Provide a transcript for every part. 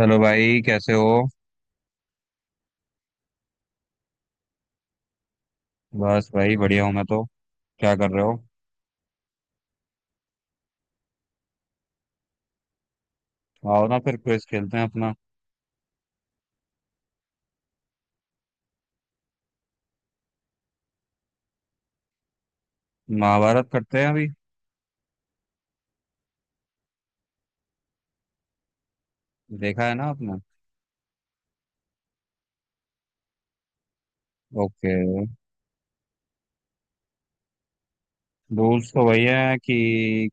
Hello भाई, कैसे हो? बस भाई, बढ़िया हूँ मैं तो। क्या कर रहे हो? आओ ना, फिर क्विज खेलते हैं अपना। महाभारत करते हैं अभी। देखा है ना आपने? ओके। रूल्स तो वही है कि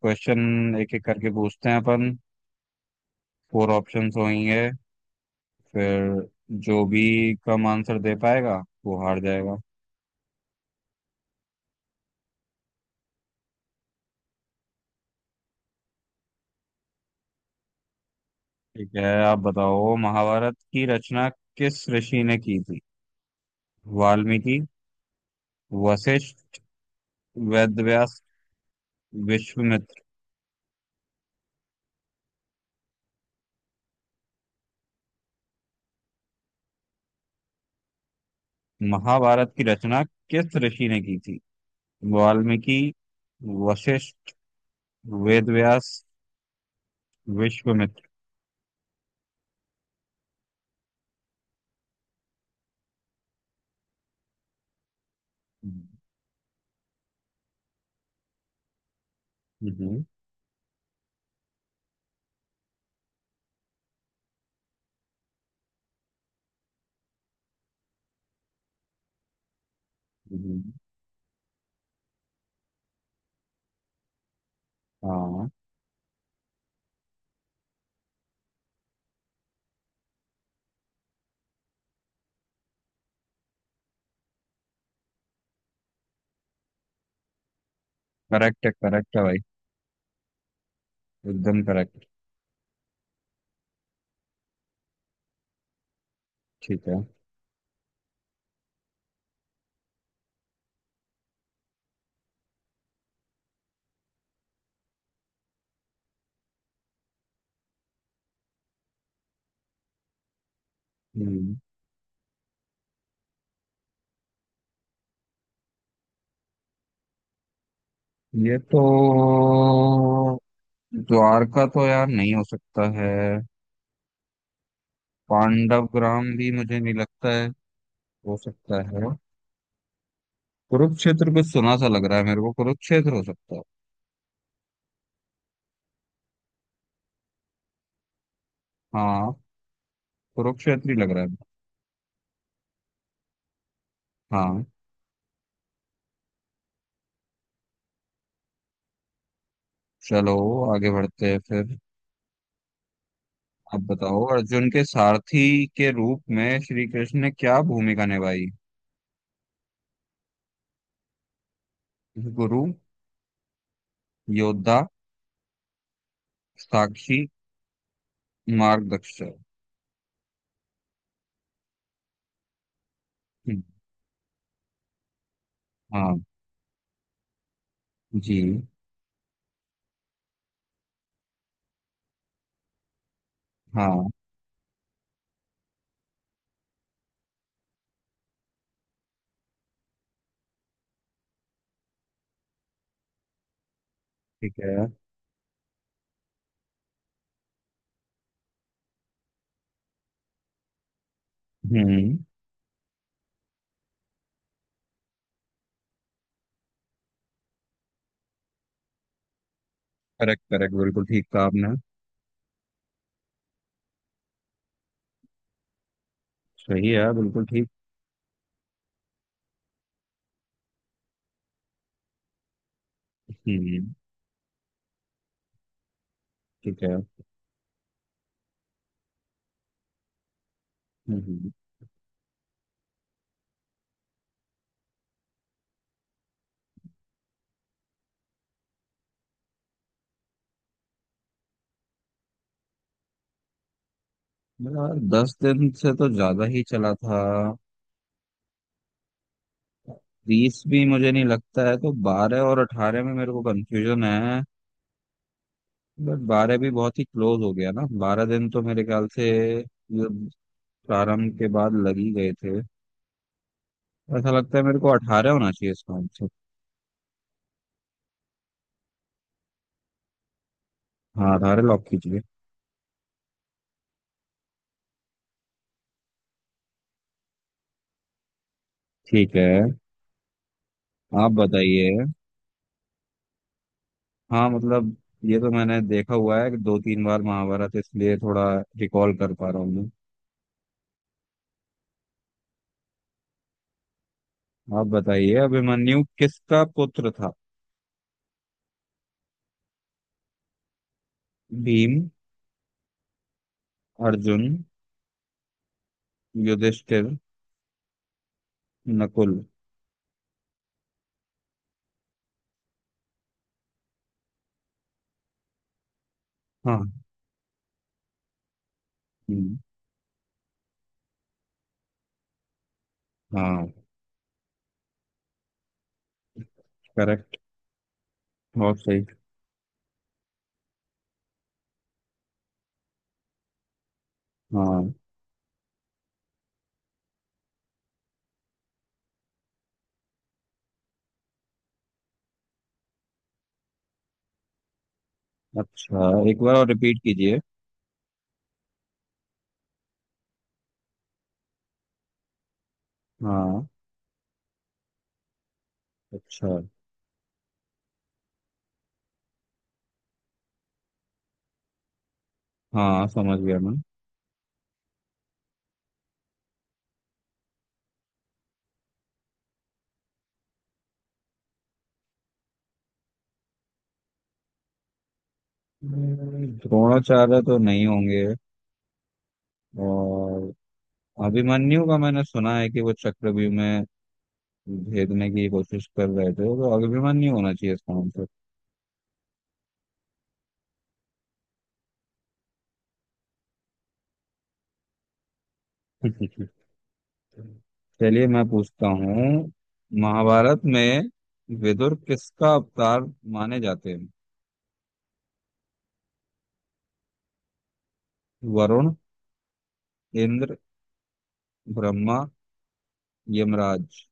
क्वेश्चन एक एक करके पूछते हैं अपन। फोर ऑप्शंस होंगे। फिर जो भी कम आंसर दे पाएगा वो हार जाएगा। ठीक है। आप बताओ, महाभारत की रचना किस ऋषि ने की थी? वाल्मीकि, वशिष्ठ, वेदव्यास, विश्वामित्र। महाभारत की रचना किस ऋषि ने की थी? वाल्मीकि, वशिष्ठ, वेद व्यास, विश्वामित्र। हम्म। हम्म। हाँ। करेक्ट है, करेक्ट है भाई, एकदम करेक्ट। ठीक है। हम्म। ये तो द्वारका तो यार नहीं हो सकता है। पांडव ग्राम भी मुझे नहीं लगता है, हो सकता है। कुरुक्षेत्र कुछ सुना सा लग रहा है मेरे को, कुरुक्षेत्र हो सकता है। हाँ, कुरुक्षेत्र ही लग रहा है। हाँ। चलो, आगे बढ़ते हैं फिर। आप बताओ, अर्जुन के सारथी के रूप में श्री कृष्ण ने क्या भूमिका निभाई? गुरु, योद्धा, साक्षी, मार्गदर्शक। हम्म। हाँ। जी। हाँ। ठीक है। हम्म। करेक्ट, करेक्ट, बिल्कुल ठीक कहा आपने। सही है बिल्कुल ठीक। हम्म। ठीक है। हम्म। यार, दस दिन से तो ज्यादा ही चला था। बीस भी मुझे नहीं लगता है, तो बारह और अठारह में मेरे को कंफ्यूजन है। बट बारह भी बहुत ही क्लोज हो गया ना, बारह दिन तो मेरे ख्याल से। मतलब प्रारंभ के बाद लग ही गए थे। ऐसा लगता है मेरे को, अठारह होना चाहिए इसका आंसर। हाँ, अठारह लॉक कीजिए। ठीक है, आप बताइए। हाँ, मतलब ये तो मैंने देखा हुआ है कि दो तीन बार महाभारत, इसलिए थोड़ा रिकॉल कर पा रहा हूँ मैं। आप बताइए, अभिमन्यु किसका पुत्र था? भीम, अर्जुन, युधिष्ठिर, नकुल। हाँ। हम्म। हाँ। करेक्ट, बहुत सही। हाँ। अच्छा, एक बार और रिपीट कीजिए। हाँ। अच्छा। हाँ, समझ गया मैं। द्रोणाचार्य तो नहीं होंगे। और अभिमन्यु का मैंने सुना है कि वो चक्रव्यूह में भेदने की कोशिश कर रहे थे, तो अभिमन्यु होना चाहिए इसका आंसर। चलिए, मैं पूछता हूँ। महाभारत में विदुर किसका अवतार माने जाते हैं? वरुण, इंद्र, ब्रह्मा, यमराज।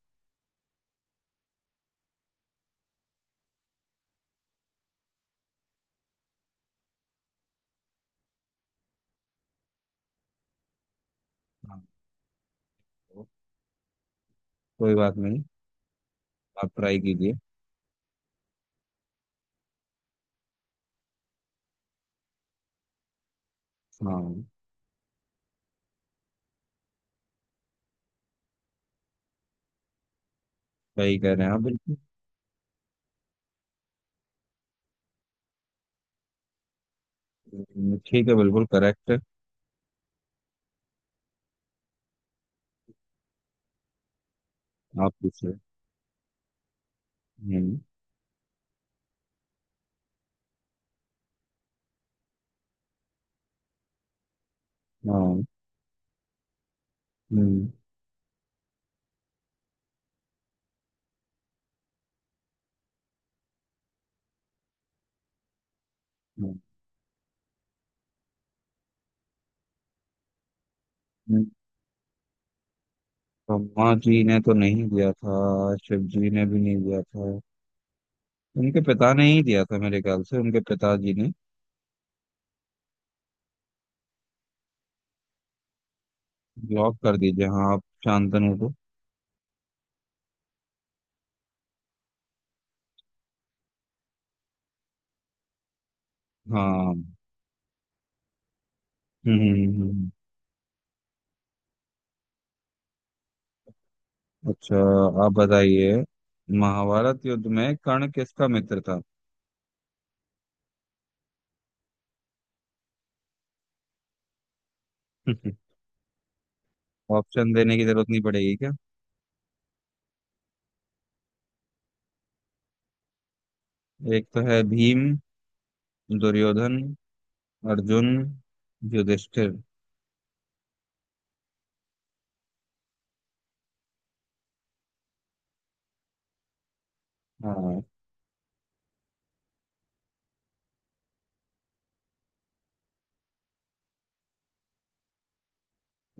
हाँ, कोई बात नहीं। आप ट्राई कीजिए। हाँ, सही कह रहे हैं आप बिल्कुल। ठीक है, बिल्कुल करेक्ट है। आप पूछे। हम्म। हाँ। हम्म। हम्म। हम्म। ब्रह्मा जी ने तो नहीं दिया था, शिव जी ने भी नहीं दिया था। उनके पिता ने ही दिया था मेरे ख्याल से, उनके पिताजी ने। ब्लॉक कर दीजिए, हाँ, आप शांतनु को। हाँ। हम्म। हम्म। हम्म। हम्म। अच्छा, आप बताइए, महाभारत युद्ध में कर्ण किसका मित्र था? ऑप्शन देने की जरूरत नहीं पड़ेगी क्या? एक तो है भीम, दुर्योधन, अर्जुन, युधिष्ठिर। हाँ।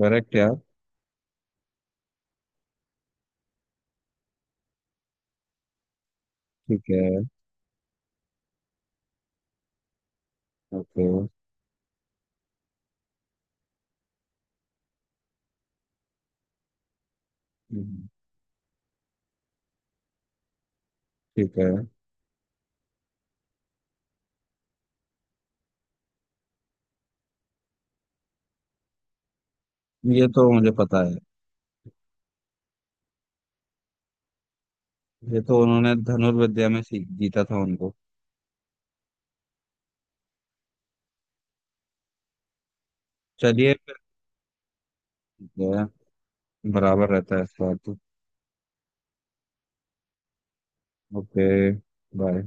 करेक्ट यार। ठीक है। ओके। हम्म, ठीक है। ये तो मुझे पता है। ये तो उन्होंने धनुर्विद्या में सीख जीता था उनको। चलिए फिर। ठीक है, बराबर रहता है इस बार तो। ओके। बाय।